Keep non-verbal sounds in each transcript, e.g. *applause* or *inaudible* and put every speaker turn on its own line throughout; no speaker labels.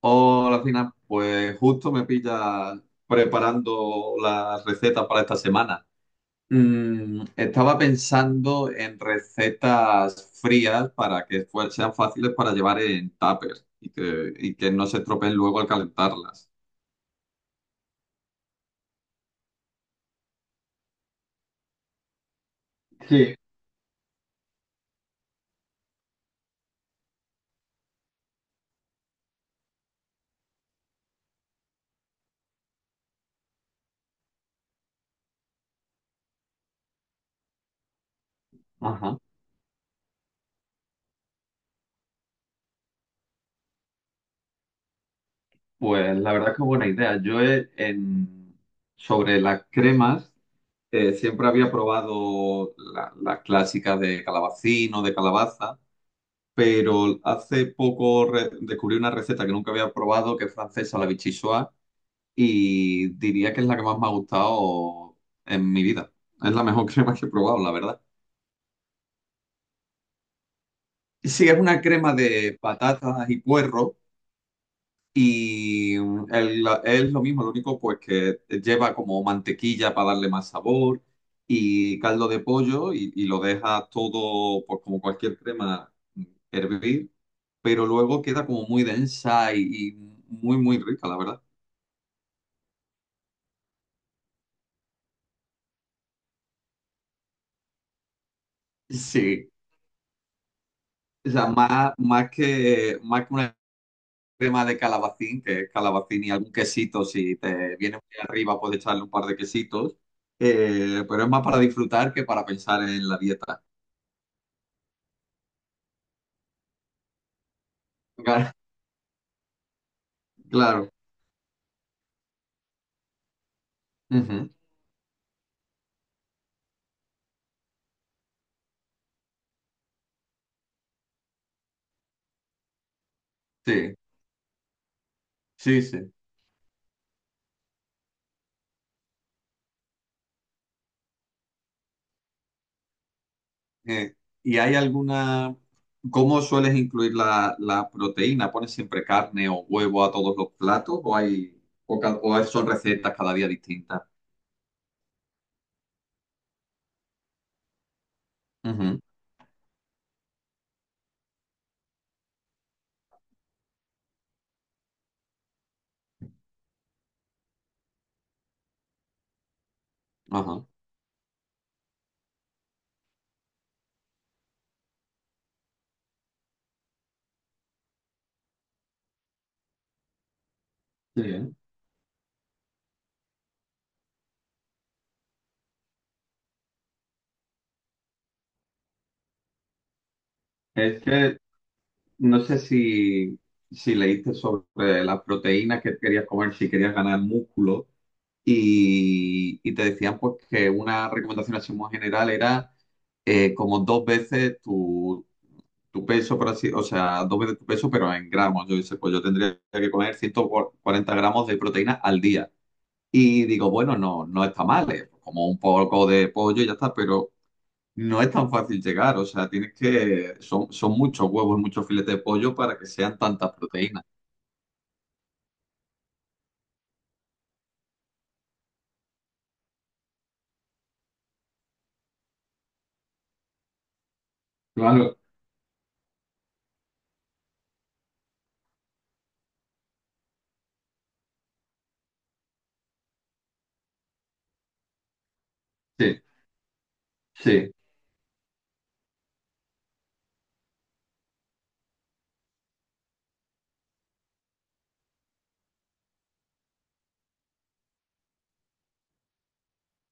Hola, Fina. Pues justo me pilla preparando las recetas para esta semana. Estaba pensando en recetas frías para que sean fáciles para llevar en tupper y que no se estropeen luego al calentarlas. Sí. Ajá. Pues la verdad es que buena idea. Sobre las cremas siempre había probado las clásicas de calabacín o de calabaza, pero hace poco descubrí una receta que nunca había probado, que es francesa, la vichyssoise, y diría que es la que más me ha gustado en mi vida. Es la mejor *laughs* crema que he probado, la verdad. Sí, es una crema de patatas y puerro, y es lo mismo, lo único pues que lleva como mantequilla para darle más sabor, y caldo de pollo, y lo dejas todo, pues como cualquier crema, hervir, pero luego queda como muy densa y muy, muy rica, la verdad. Sí, o sea, más que una crema de calabacín, que es calabacín y algún quesito, si te viene muy arriba puedes echarle un par de quesitos, pero es más para disfrutar que para pensar en la dieta. *laughs* Claro, claro. Ujú. Sí, sí, sí. Eh, ¿y hay alguna... ¿Cómo sueles incluir la proteína? ¿Pones siempre carne o huevo a todos los platos o hay o, ca- o son recetas cada día distintas? Ujú. Ajá. Qué bien. Es que no sé si leíste sobre las proteínas que querías comer, si querías ganar músculo, y te decían pues que una recomendación así muy general era como dos veces tu peso, por así, o sea, dos veces tu peso, pero en gramos. Yo dice, pues yo tendría que comer 140 gramos de proteína al día. Y digo, bueno, no, no está mal, como un poco de pollo y ya está, pero no es tan fácil llegar. O sea, tienes que, son muchos huevos, muchos filetes de pollo para que sean tantas proteínas. Claro. Sí, sí,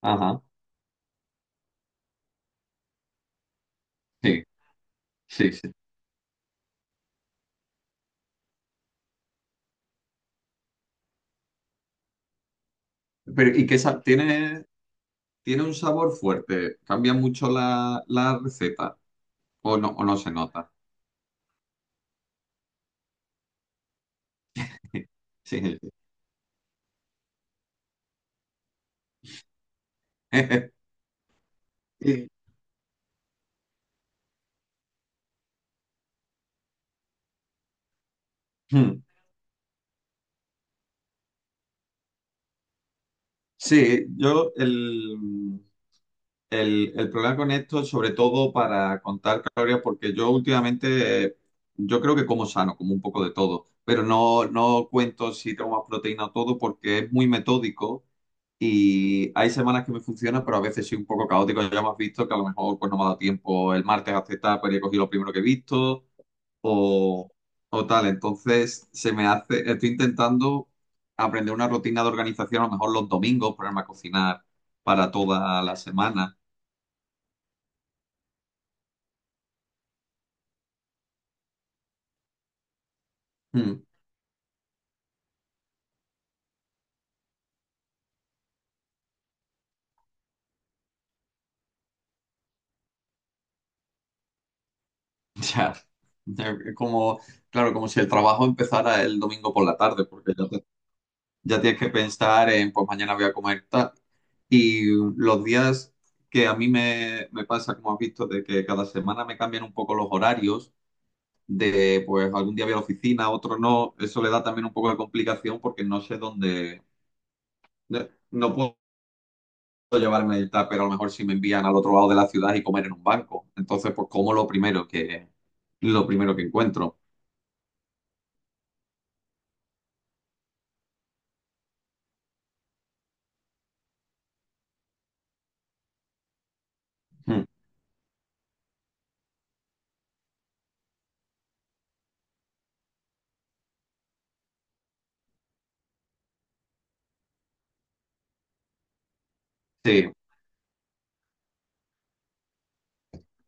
ajá, sí, sí, sí. Pero, ¿y qué tiene un sabor fuerte? ¿Cambia mucho la receta? O no se nota? *laughs* Sí. *laughs* Hmm. Sí, yo el problema con esto, sobre todo para contar calorías, porque yo últimamente, yo creo que como sano, como un poco de todo, pero no, no cuento si tengo más proteína o todo porque es muy metódico, y hay semanas que me funciona, pero a veces soy un poco caótico. Ya me has visto que a lo mejor pues no me ha dado tiempo el martes a aceptar, pero he cogido lo primero que he visto, o, o tal. Entonces, estoy intentando aprender una rutina de organización, a lo mejor los domingos, ponerme a cocinar para toda la semana. Mm. *laughs* Ya, ya, es como, claro, como si el trabajo empezara el domingo por la tarde, porque ya tienes que pensar en, pues mañana voy a comer tal. Y los días que a mí me pasa, como has visto, de que cada semana me cambian un poco los horarios, de pues algún día voy a la oficina, otro no, eso le da también un poco de complicación porque no sé dónde, no puedo llevarme el tupper a lo mejor si me envían al otro lado de la ciudad y comer en un banco. Entonces, pues como lo primero que encuentro. Mm. Sí,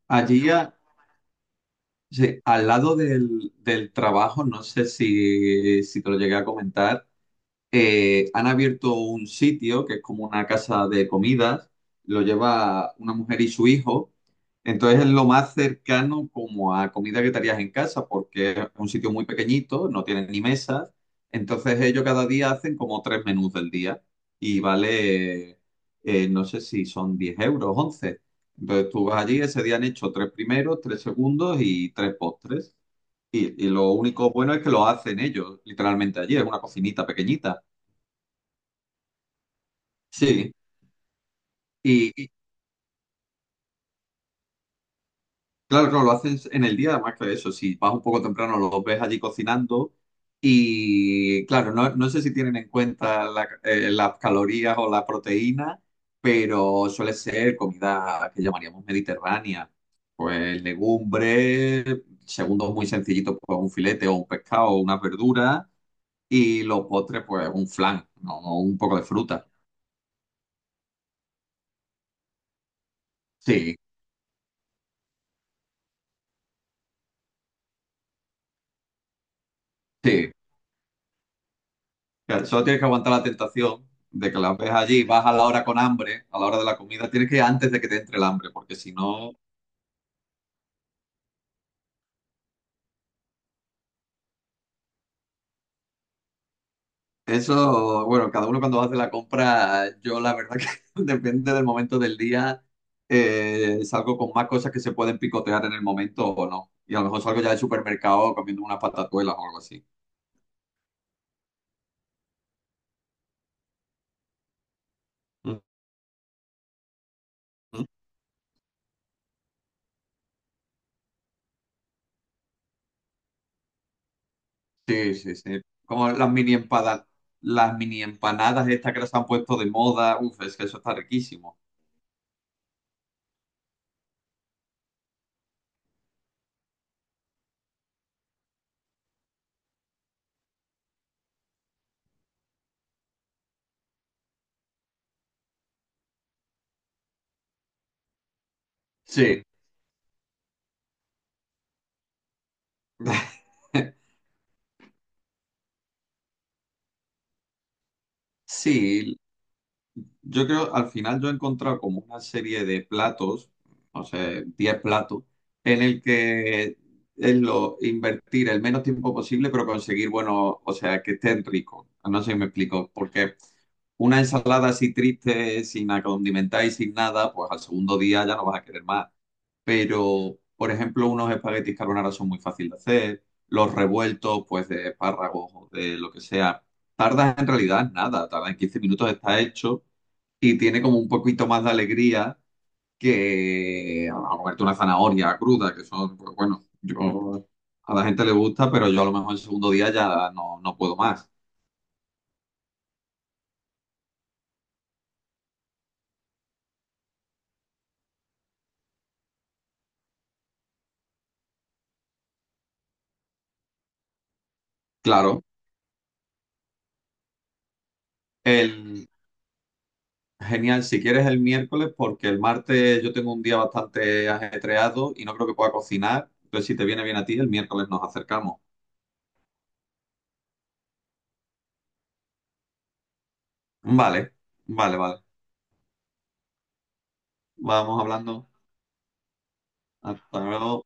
allí a- sí, al lado del trabajo, no sé si te lo llegué a comentar, han abierto un sitio que es como una casa de comidas, lo lleva una mujer y su hijo, entonces es lo más cercano como a comida que te harías en casa, porque es un sitio muy pequeñito, no tienen ni mesas, entonces ellos cada día hacen como tres menús del día y vale, no sé si son 10 euros, 11. Entonces tú vas allí, ese día han hecho tres primeros, tres segundos y tres postres. Y lo único bueno es que lo hacen ellos, literalmente allí, es una cocinita pequeñita. Sí, y claro, claro, lo haces en el día, además que eso, si vas un poco temprano, los ves allí cocinando, y claro, no, no sé si tienen en cuenta las calorías o la proteína, pero suele ser comida que llamaríamos mediterránea, pues legumbres, segundos muy sencillitos, pues un filete o un pescado o unas verduras, y los postres, pues un flan, ¿no? O un poco de fruta. Sí, sí. Claro, solo tienes que aguantar la tentación de que las ves allí, vas a la hora con hambre, a la hora de la comida, tienes que ir antes de que te entre el hambre, porque si no, eso, bueno, cada uno cuando hace la compra, yo la verdad que *laughs* depende del momento del día, salgo con más cosas que se pueden picotear en el momento o no. Y a lo mejor salgo ya del supermercado comiendo unas patatuelas o algo así. Ujú. Sí, sí, sí. Como las mini empanadas estas que las han puesto de moda, uf, es que eso está riquísimo. Sí. *laughs* Sí, yo creo, al final yo he encontrado como una serie de platos, no sé, 10 platos, en el que es lo invertir el menos tiempo posible, pero conseguir, bueno, o sea, que estén ricos. No sé si me explico, porque una ensalada así triste, sin acondimentar y sin nada, pues al segundo día ya no vas a querer más. Pero, por ejemplo, unos espaguetis carbonara son muy fáciles de hacer, los revueltos, pues de espárragos o de lo que sea. Tardas en realidad en nada, tarda en 15 minutos, está hecho, y tiene como un poquito más de alegría que a comerte una zanahoria cruda, que son, pues, bueno, yo, a la gente le gusta, pero yo a lo mejor el segundo día ya no, no puedo más. Claro. El, Genial, si quieres el miércoles, porque el martes yo tengo un día bastante ajetreado y no creo que pueda cocinar. Entonces, si te viene bien a ti, el miércoles nos acercamos. Vale, vale, vale. Vamos hablando. Hasta luego.